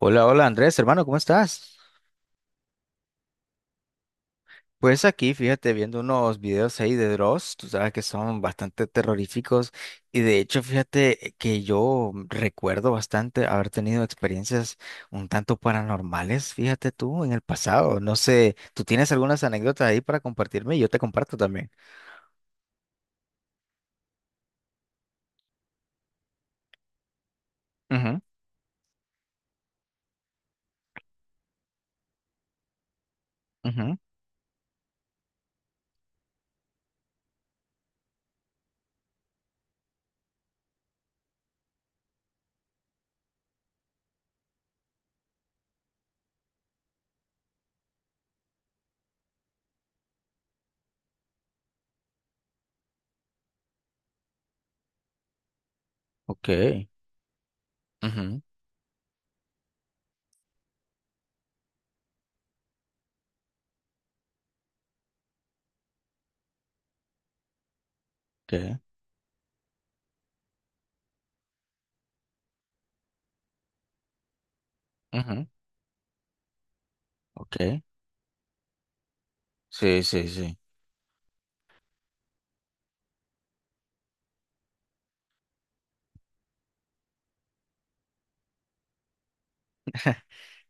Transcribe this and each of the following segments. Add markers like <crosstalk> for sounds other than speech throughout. Hola, hola Andrés, hermano, ¿cómo estás? Pues aquí, fíjate, viendo unos videos ahí de Dross, tú sabes que son bastante terroríficos y de hecho, fíjate que yo recuerdo bastante haber tenido experiencias un tanto paranormales, fíjate tú, en el pasado. No sé, ¿tú tienes algunas anécdotas ahí para compartirme? Y yo te comparto también. Ujú, ujú, ok, ujú, ok, ujú, ok, sí, sí, sí,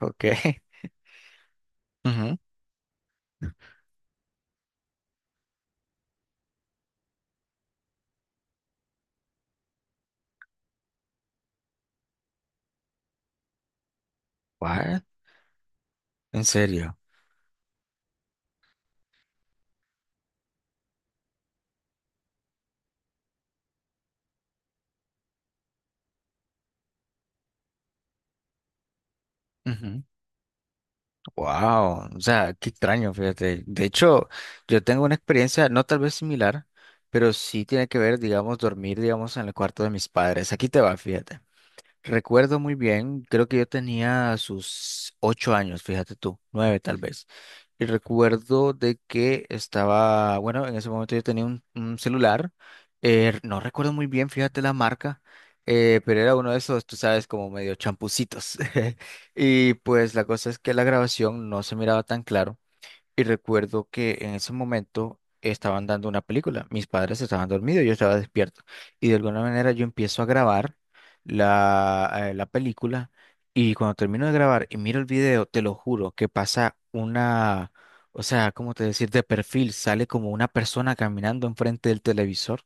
ok, <laughs> ujú, what? ¿En serio? Wow, o sea, qué extraño, fíjate. De hecho, yo tengo una experiencia, no tal vez similar, pero sí tiene que ver, digamos, dormir, digamos, en el cuarto de mis padres. Aquí te va, fíjate. Recuerdo muy bien, creo que yo tenía sus 8 años, fíjate tú, 9 tal vez. Y recuerdo de que estaba, bueno, en ese momento yo tenía un celular, no recuerdo muy bien, fíjate la marca, pero era uno de esos, tú sabes, como medio champucitos. <laughs> Y pues la cosa es que la grabación no se miraba tan claro. Y recuerdo que en ese momento estaban dando una película. Mis padres estaban dormidos, yo estaba despierto. Y de alguna manera yo empiezo a grabar la película. Y cuando termino de grabar y miro el video, te lo juro que pasa una, o sea, ¿cómo te decir? De perfil sale como una persona caminando enfrente del televisor.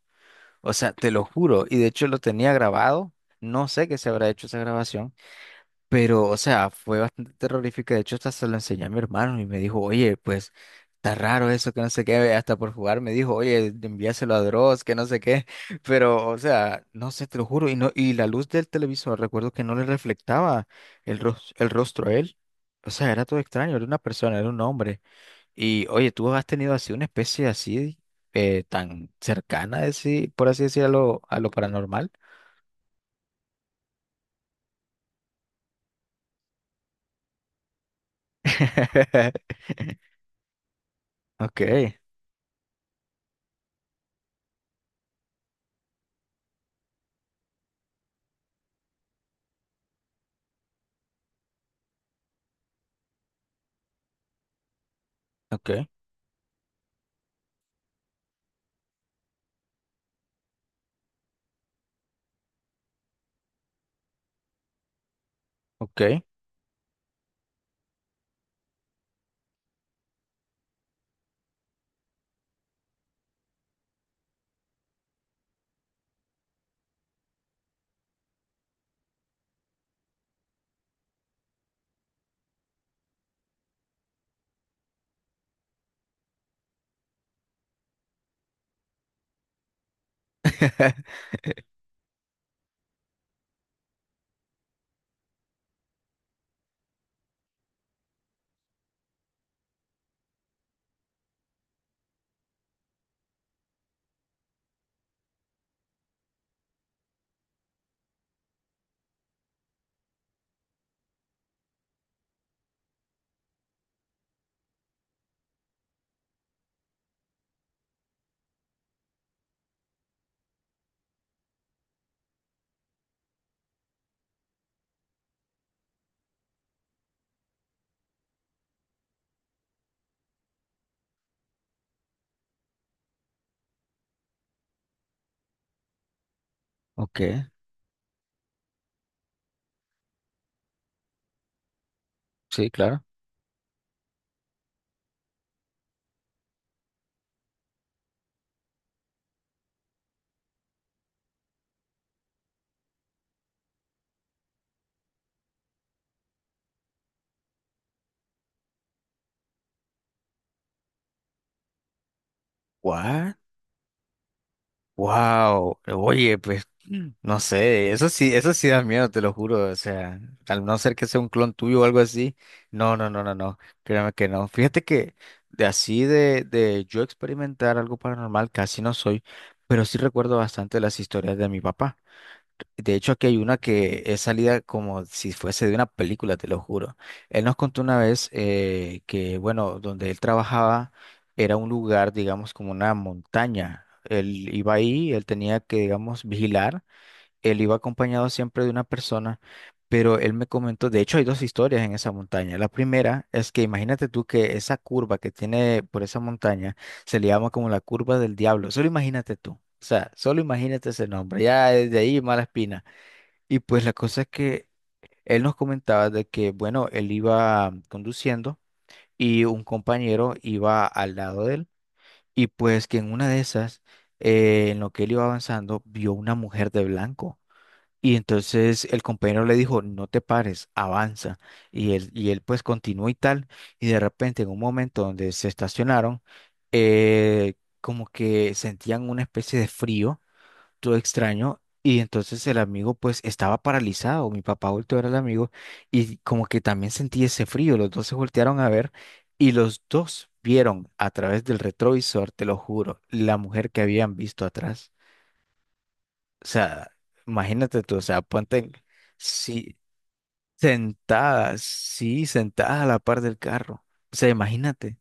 O sea, te lo juro. Y de hecho lo tenía grabado. No sé qué se habrá hecho esa grabación pero, o sea, fue bastante terrorífica. De hecho, hasta se lo enseñé a mi hermano y me dijo, oye, pues, está raro eso, que no sé qué. Hasta por jugar me dijo, oye, envíaselo a Dross, que no sé qué. <laughs> Pero, o sea, no sé, te lo juro. Y, no, y la luz del televisor, recuerdo que no le reflectaba el rostro a él. O sea, era todo extraño, era una persona, era un hombre. Y, oye, tú has tenido así una especie así, tan cercana, así, por así decirlo, a lo paranormal. <laughs> Ok, ok, ok. Ok, sí, claro. What? Wow. Oye, pues no sé, eso sí da miedo, te lo juro. O sea, al no ser que sea un clon tuyo o algo así, no, no, no, no, no. Créeme que no. Fíjate que de así de yo experimentar algo paranormal casi no soy, pero sí recuerdo bastante las historias de mi papá. De hecho, aquí hay una que es salida como si fuese de una película, te lo juro. Él nos contó una vez que, bueno, donde él trabajaba era un lugar, digamos, como una montaña. Él iba ahí, él tenía que, digamos, vigilar. Él iba acompañado siempre de una persona, pero él me comentó, de hecho, hay dos historias en esa montaña. La primera es que imagínate tú que esa curva que tiene por esa montaña se le llama como la curva del diablo. Solo imagínate tú. O sea, solo imagínate ese nombre, ya desde ahí mala espina. Y pues la cosa es que él nos comentaba de que, bueno, él iba conduciendo y un compañero iba al lado de él. Y pues que en una de esas, en lo que él iba avanzando, vio una mujer de blanco. Y entonces el compañero le dijo, no te pares, avanza. Y él pues continuó y tal. Y de repente en un momento donde se estacionaron, eh, como que sentían una especie de frío todo extraño. Y entonces el amigo pues estaba paralizado, mi papá volteó a ver al amigo y como que también sentí ese frío, los dos se voltearon a ver y los dos vieron a través del retrovisor, te lo juro, la mujer que habían visto atrás. O sea, imagínate tú, o sea, ponte en- sí, sí, sentada a la par del carro. O sea, imagínate.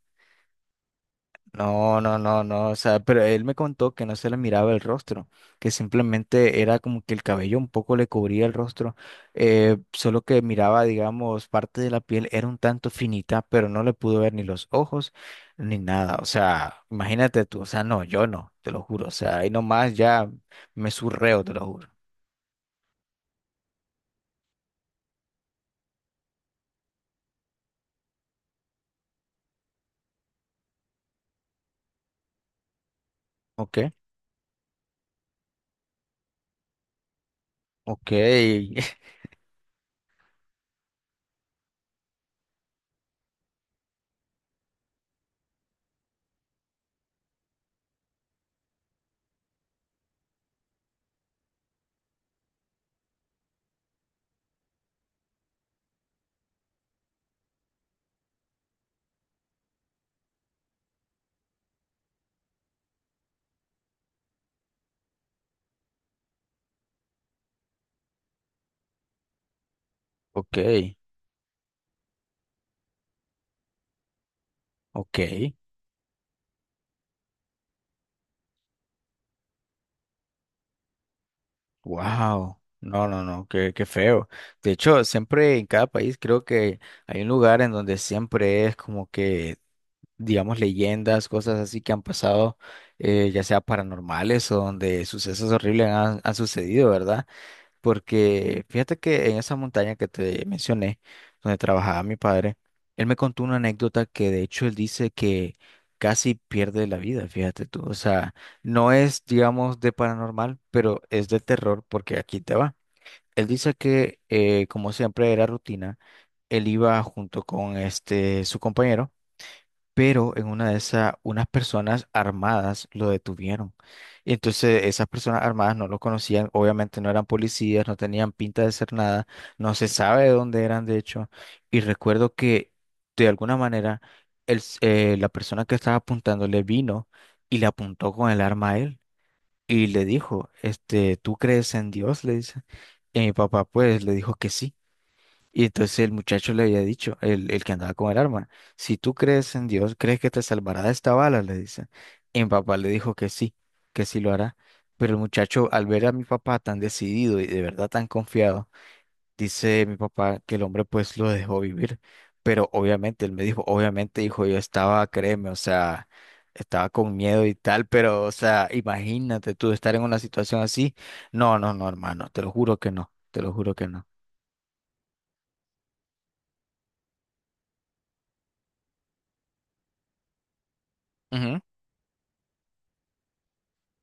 No, no, no, no, o sea, pero él me contó que no se le miraba el rostro, que simplemente era como que el cabello un poco le cubría el rostro, solo que miraba, digamos, parte de la piel era un tanto finita, pero no le pudo ver ni los ojos ni nada, o sea, imagínate tú, o sea, no, yo no, te lo juro, o sea, ahí nomás ya me surreo, te lo juro. Ok, ok, <laughs> ok, ok. Wow, no, no, no, qué, qué feo. De hecho, siempre en cada país creo que hay un lugar en donde siempre es como que, digamos, leyendas, cosas así que han pasado, ya sea paranormales o donde sucesos horribles han sucedido, ¿verdad? Porque fíjate que en esa montaña que te mencioné, donde trabajaba mi padre, él me contó una anécdota que de hecho él dice que casi pierde la vida, fíjate tú. O sea, no es, digamos, de paranormal, pero es de terror porque aquí te va. Él dice que, como siempre era rutina, él iba junto con este, su compañero pero en una de esas, unas personas armadas lo detuvieron. Y entonces esas personas armadas no lo conocían, obviamente no eran policías, no tenían pinta de ser nada, no se sabe de dónde eran, de hecho. Y recuerdo que de alguna manera la persona que estaba apuntándole vino y le apuntó con el arma a él y le dijo, este, ¿tú crees en Dios? Le dice. Y mi papá pues le dijo que sí. Y entonces el muchacho le había dicho, el que andaba con el arma, si tú crees en Dios, ¿crees que te salvará de esta bala? Le dice. Y mi papá le dijo que sí lo hará. Pero el muchacho, al ver a mi papá tan decidido y de verdad tan confiado, dice mi papá que el hombre pues lo dejó vivir. Pero obviamente, él me dijo, obviamente, hijo, yo estaba, créeme, o sea, estaba con miedo y tal, pero, o sea, imagínate tú estar en una situación así. No, no, no, hermano, te lo juro que no, te lo juro que no.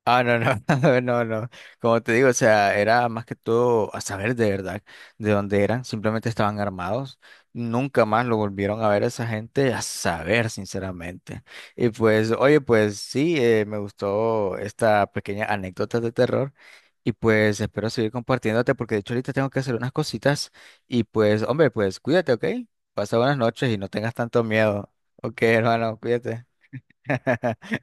Ah, no, no, <laughs> no, no. Como te digo, o sea, era más que todo a saber de verdad de dónde eran. Simplemente estaban armados. Nunca más lo volvieron a ver a esa gente, a saber, sinceramente. Y pues, oye, pues sí, me gustó esta pequeña anécdota de terror. Y pues espero seguir compartiéndote porque de hecho ahorita tengo que hacer unas cositas. Y pues, hombre, pues cuídate, ¿ok? Pasa buenas noches y no tengas tanto miedo. Ok, hermano, cuídate. <laughs>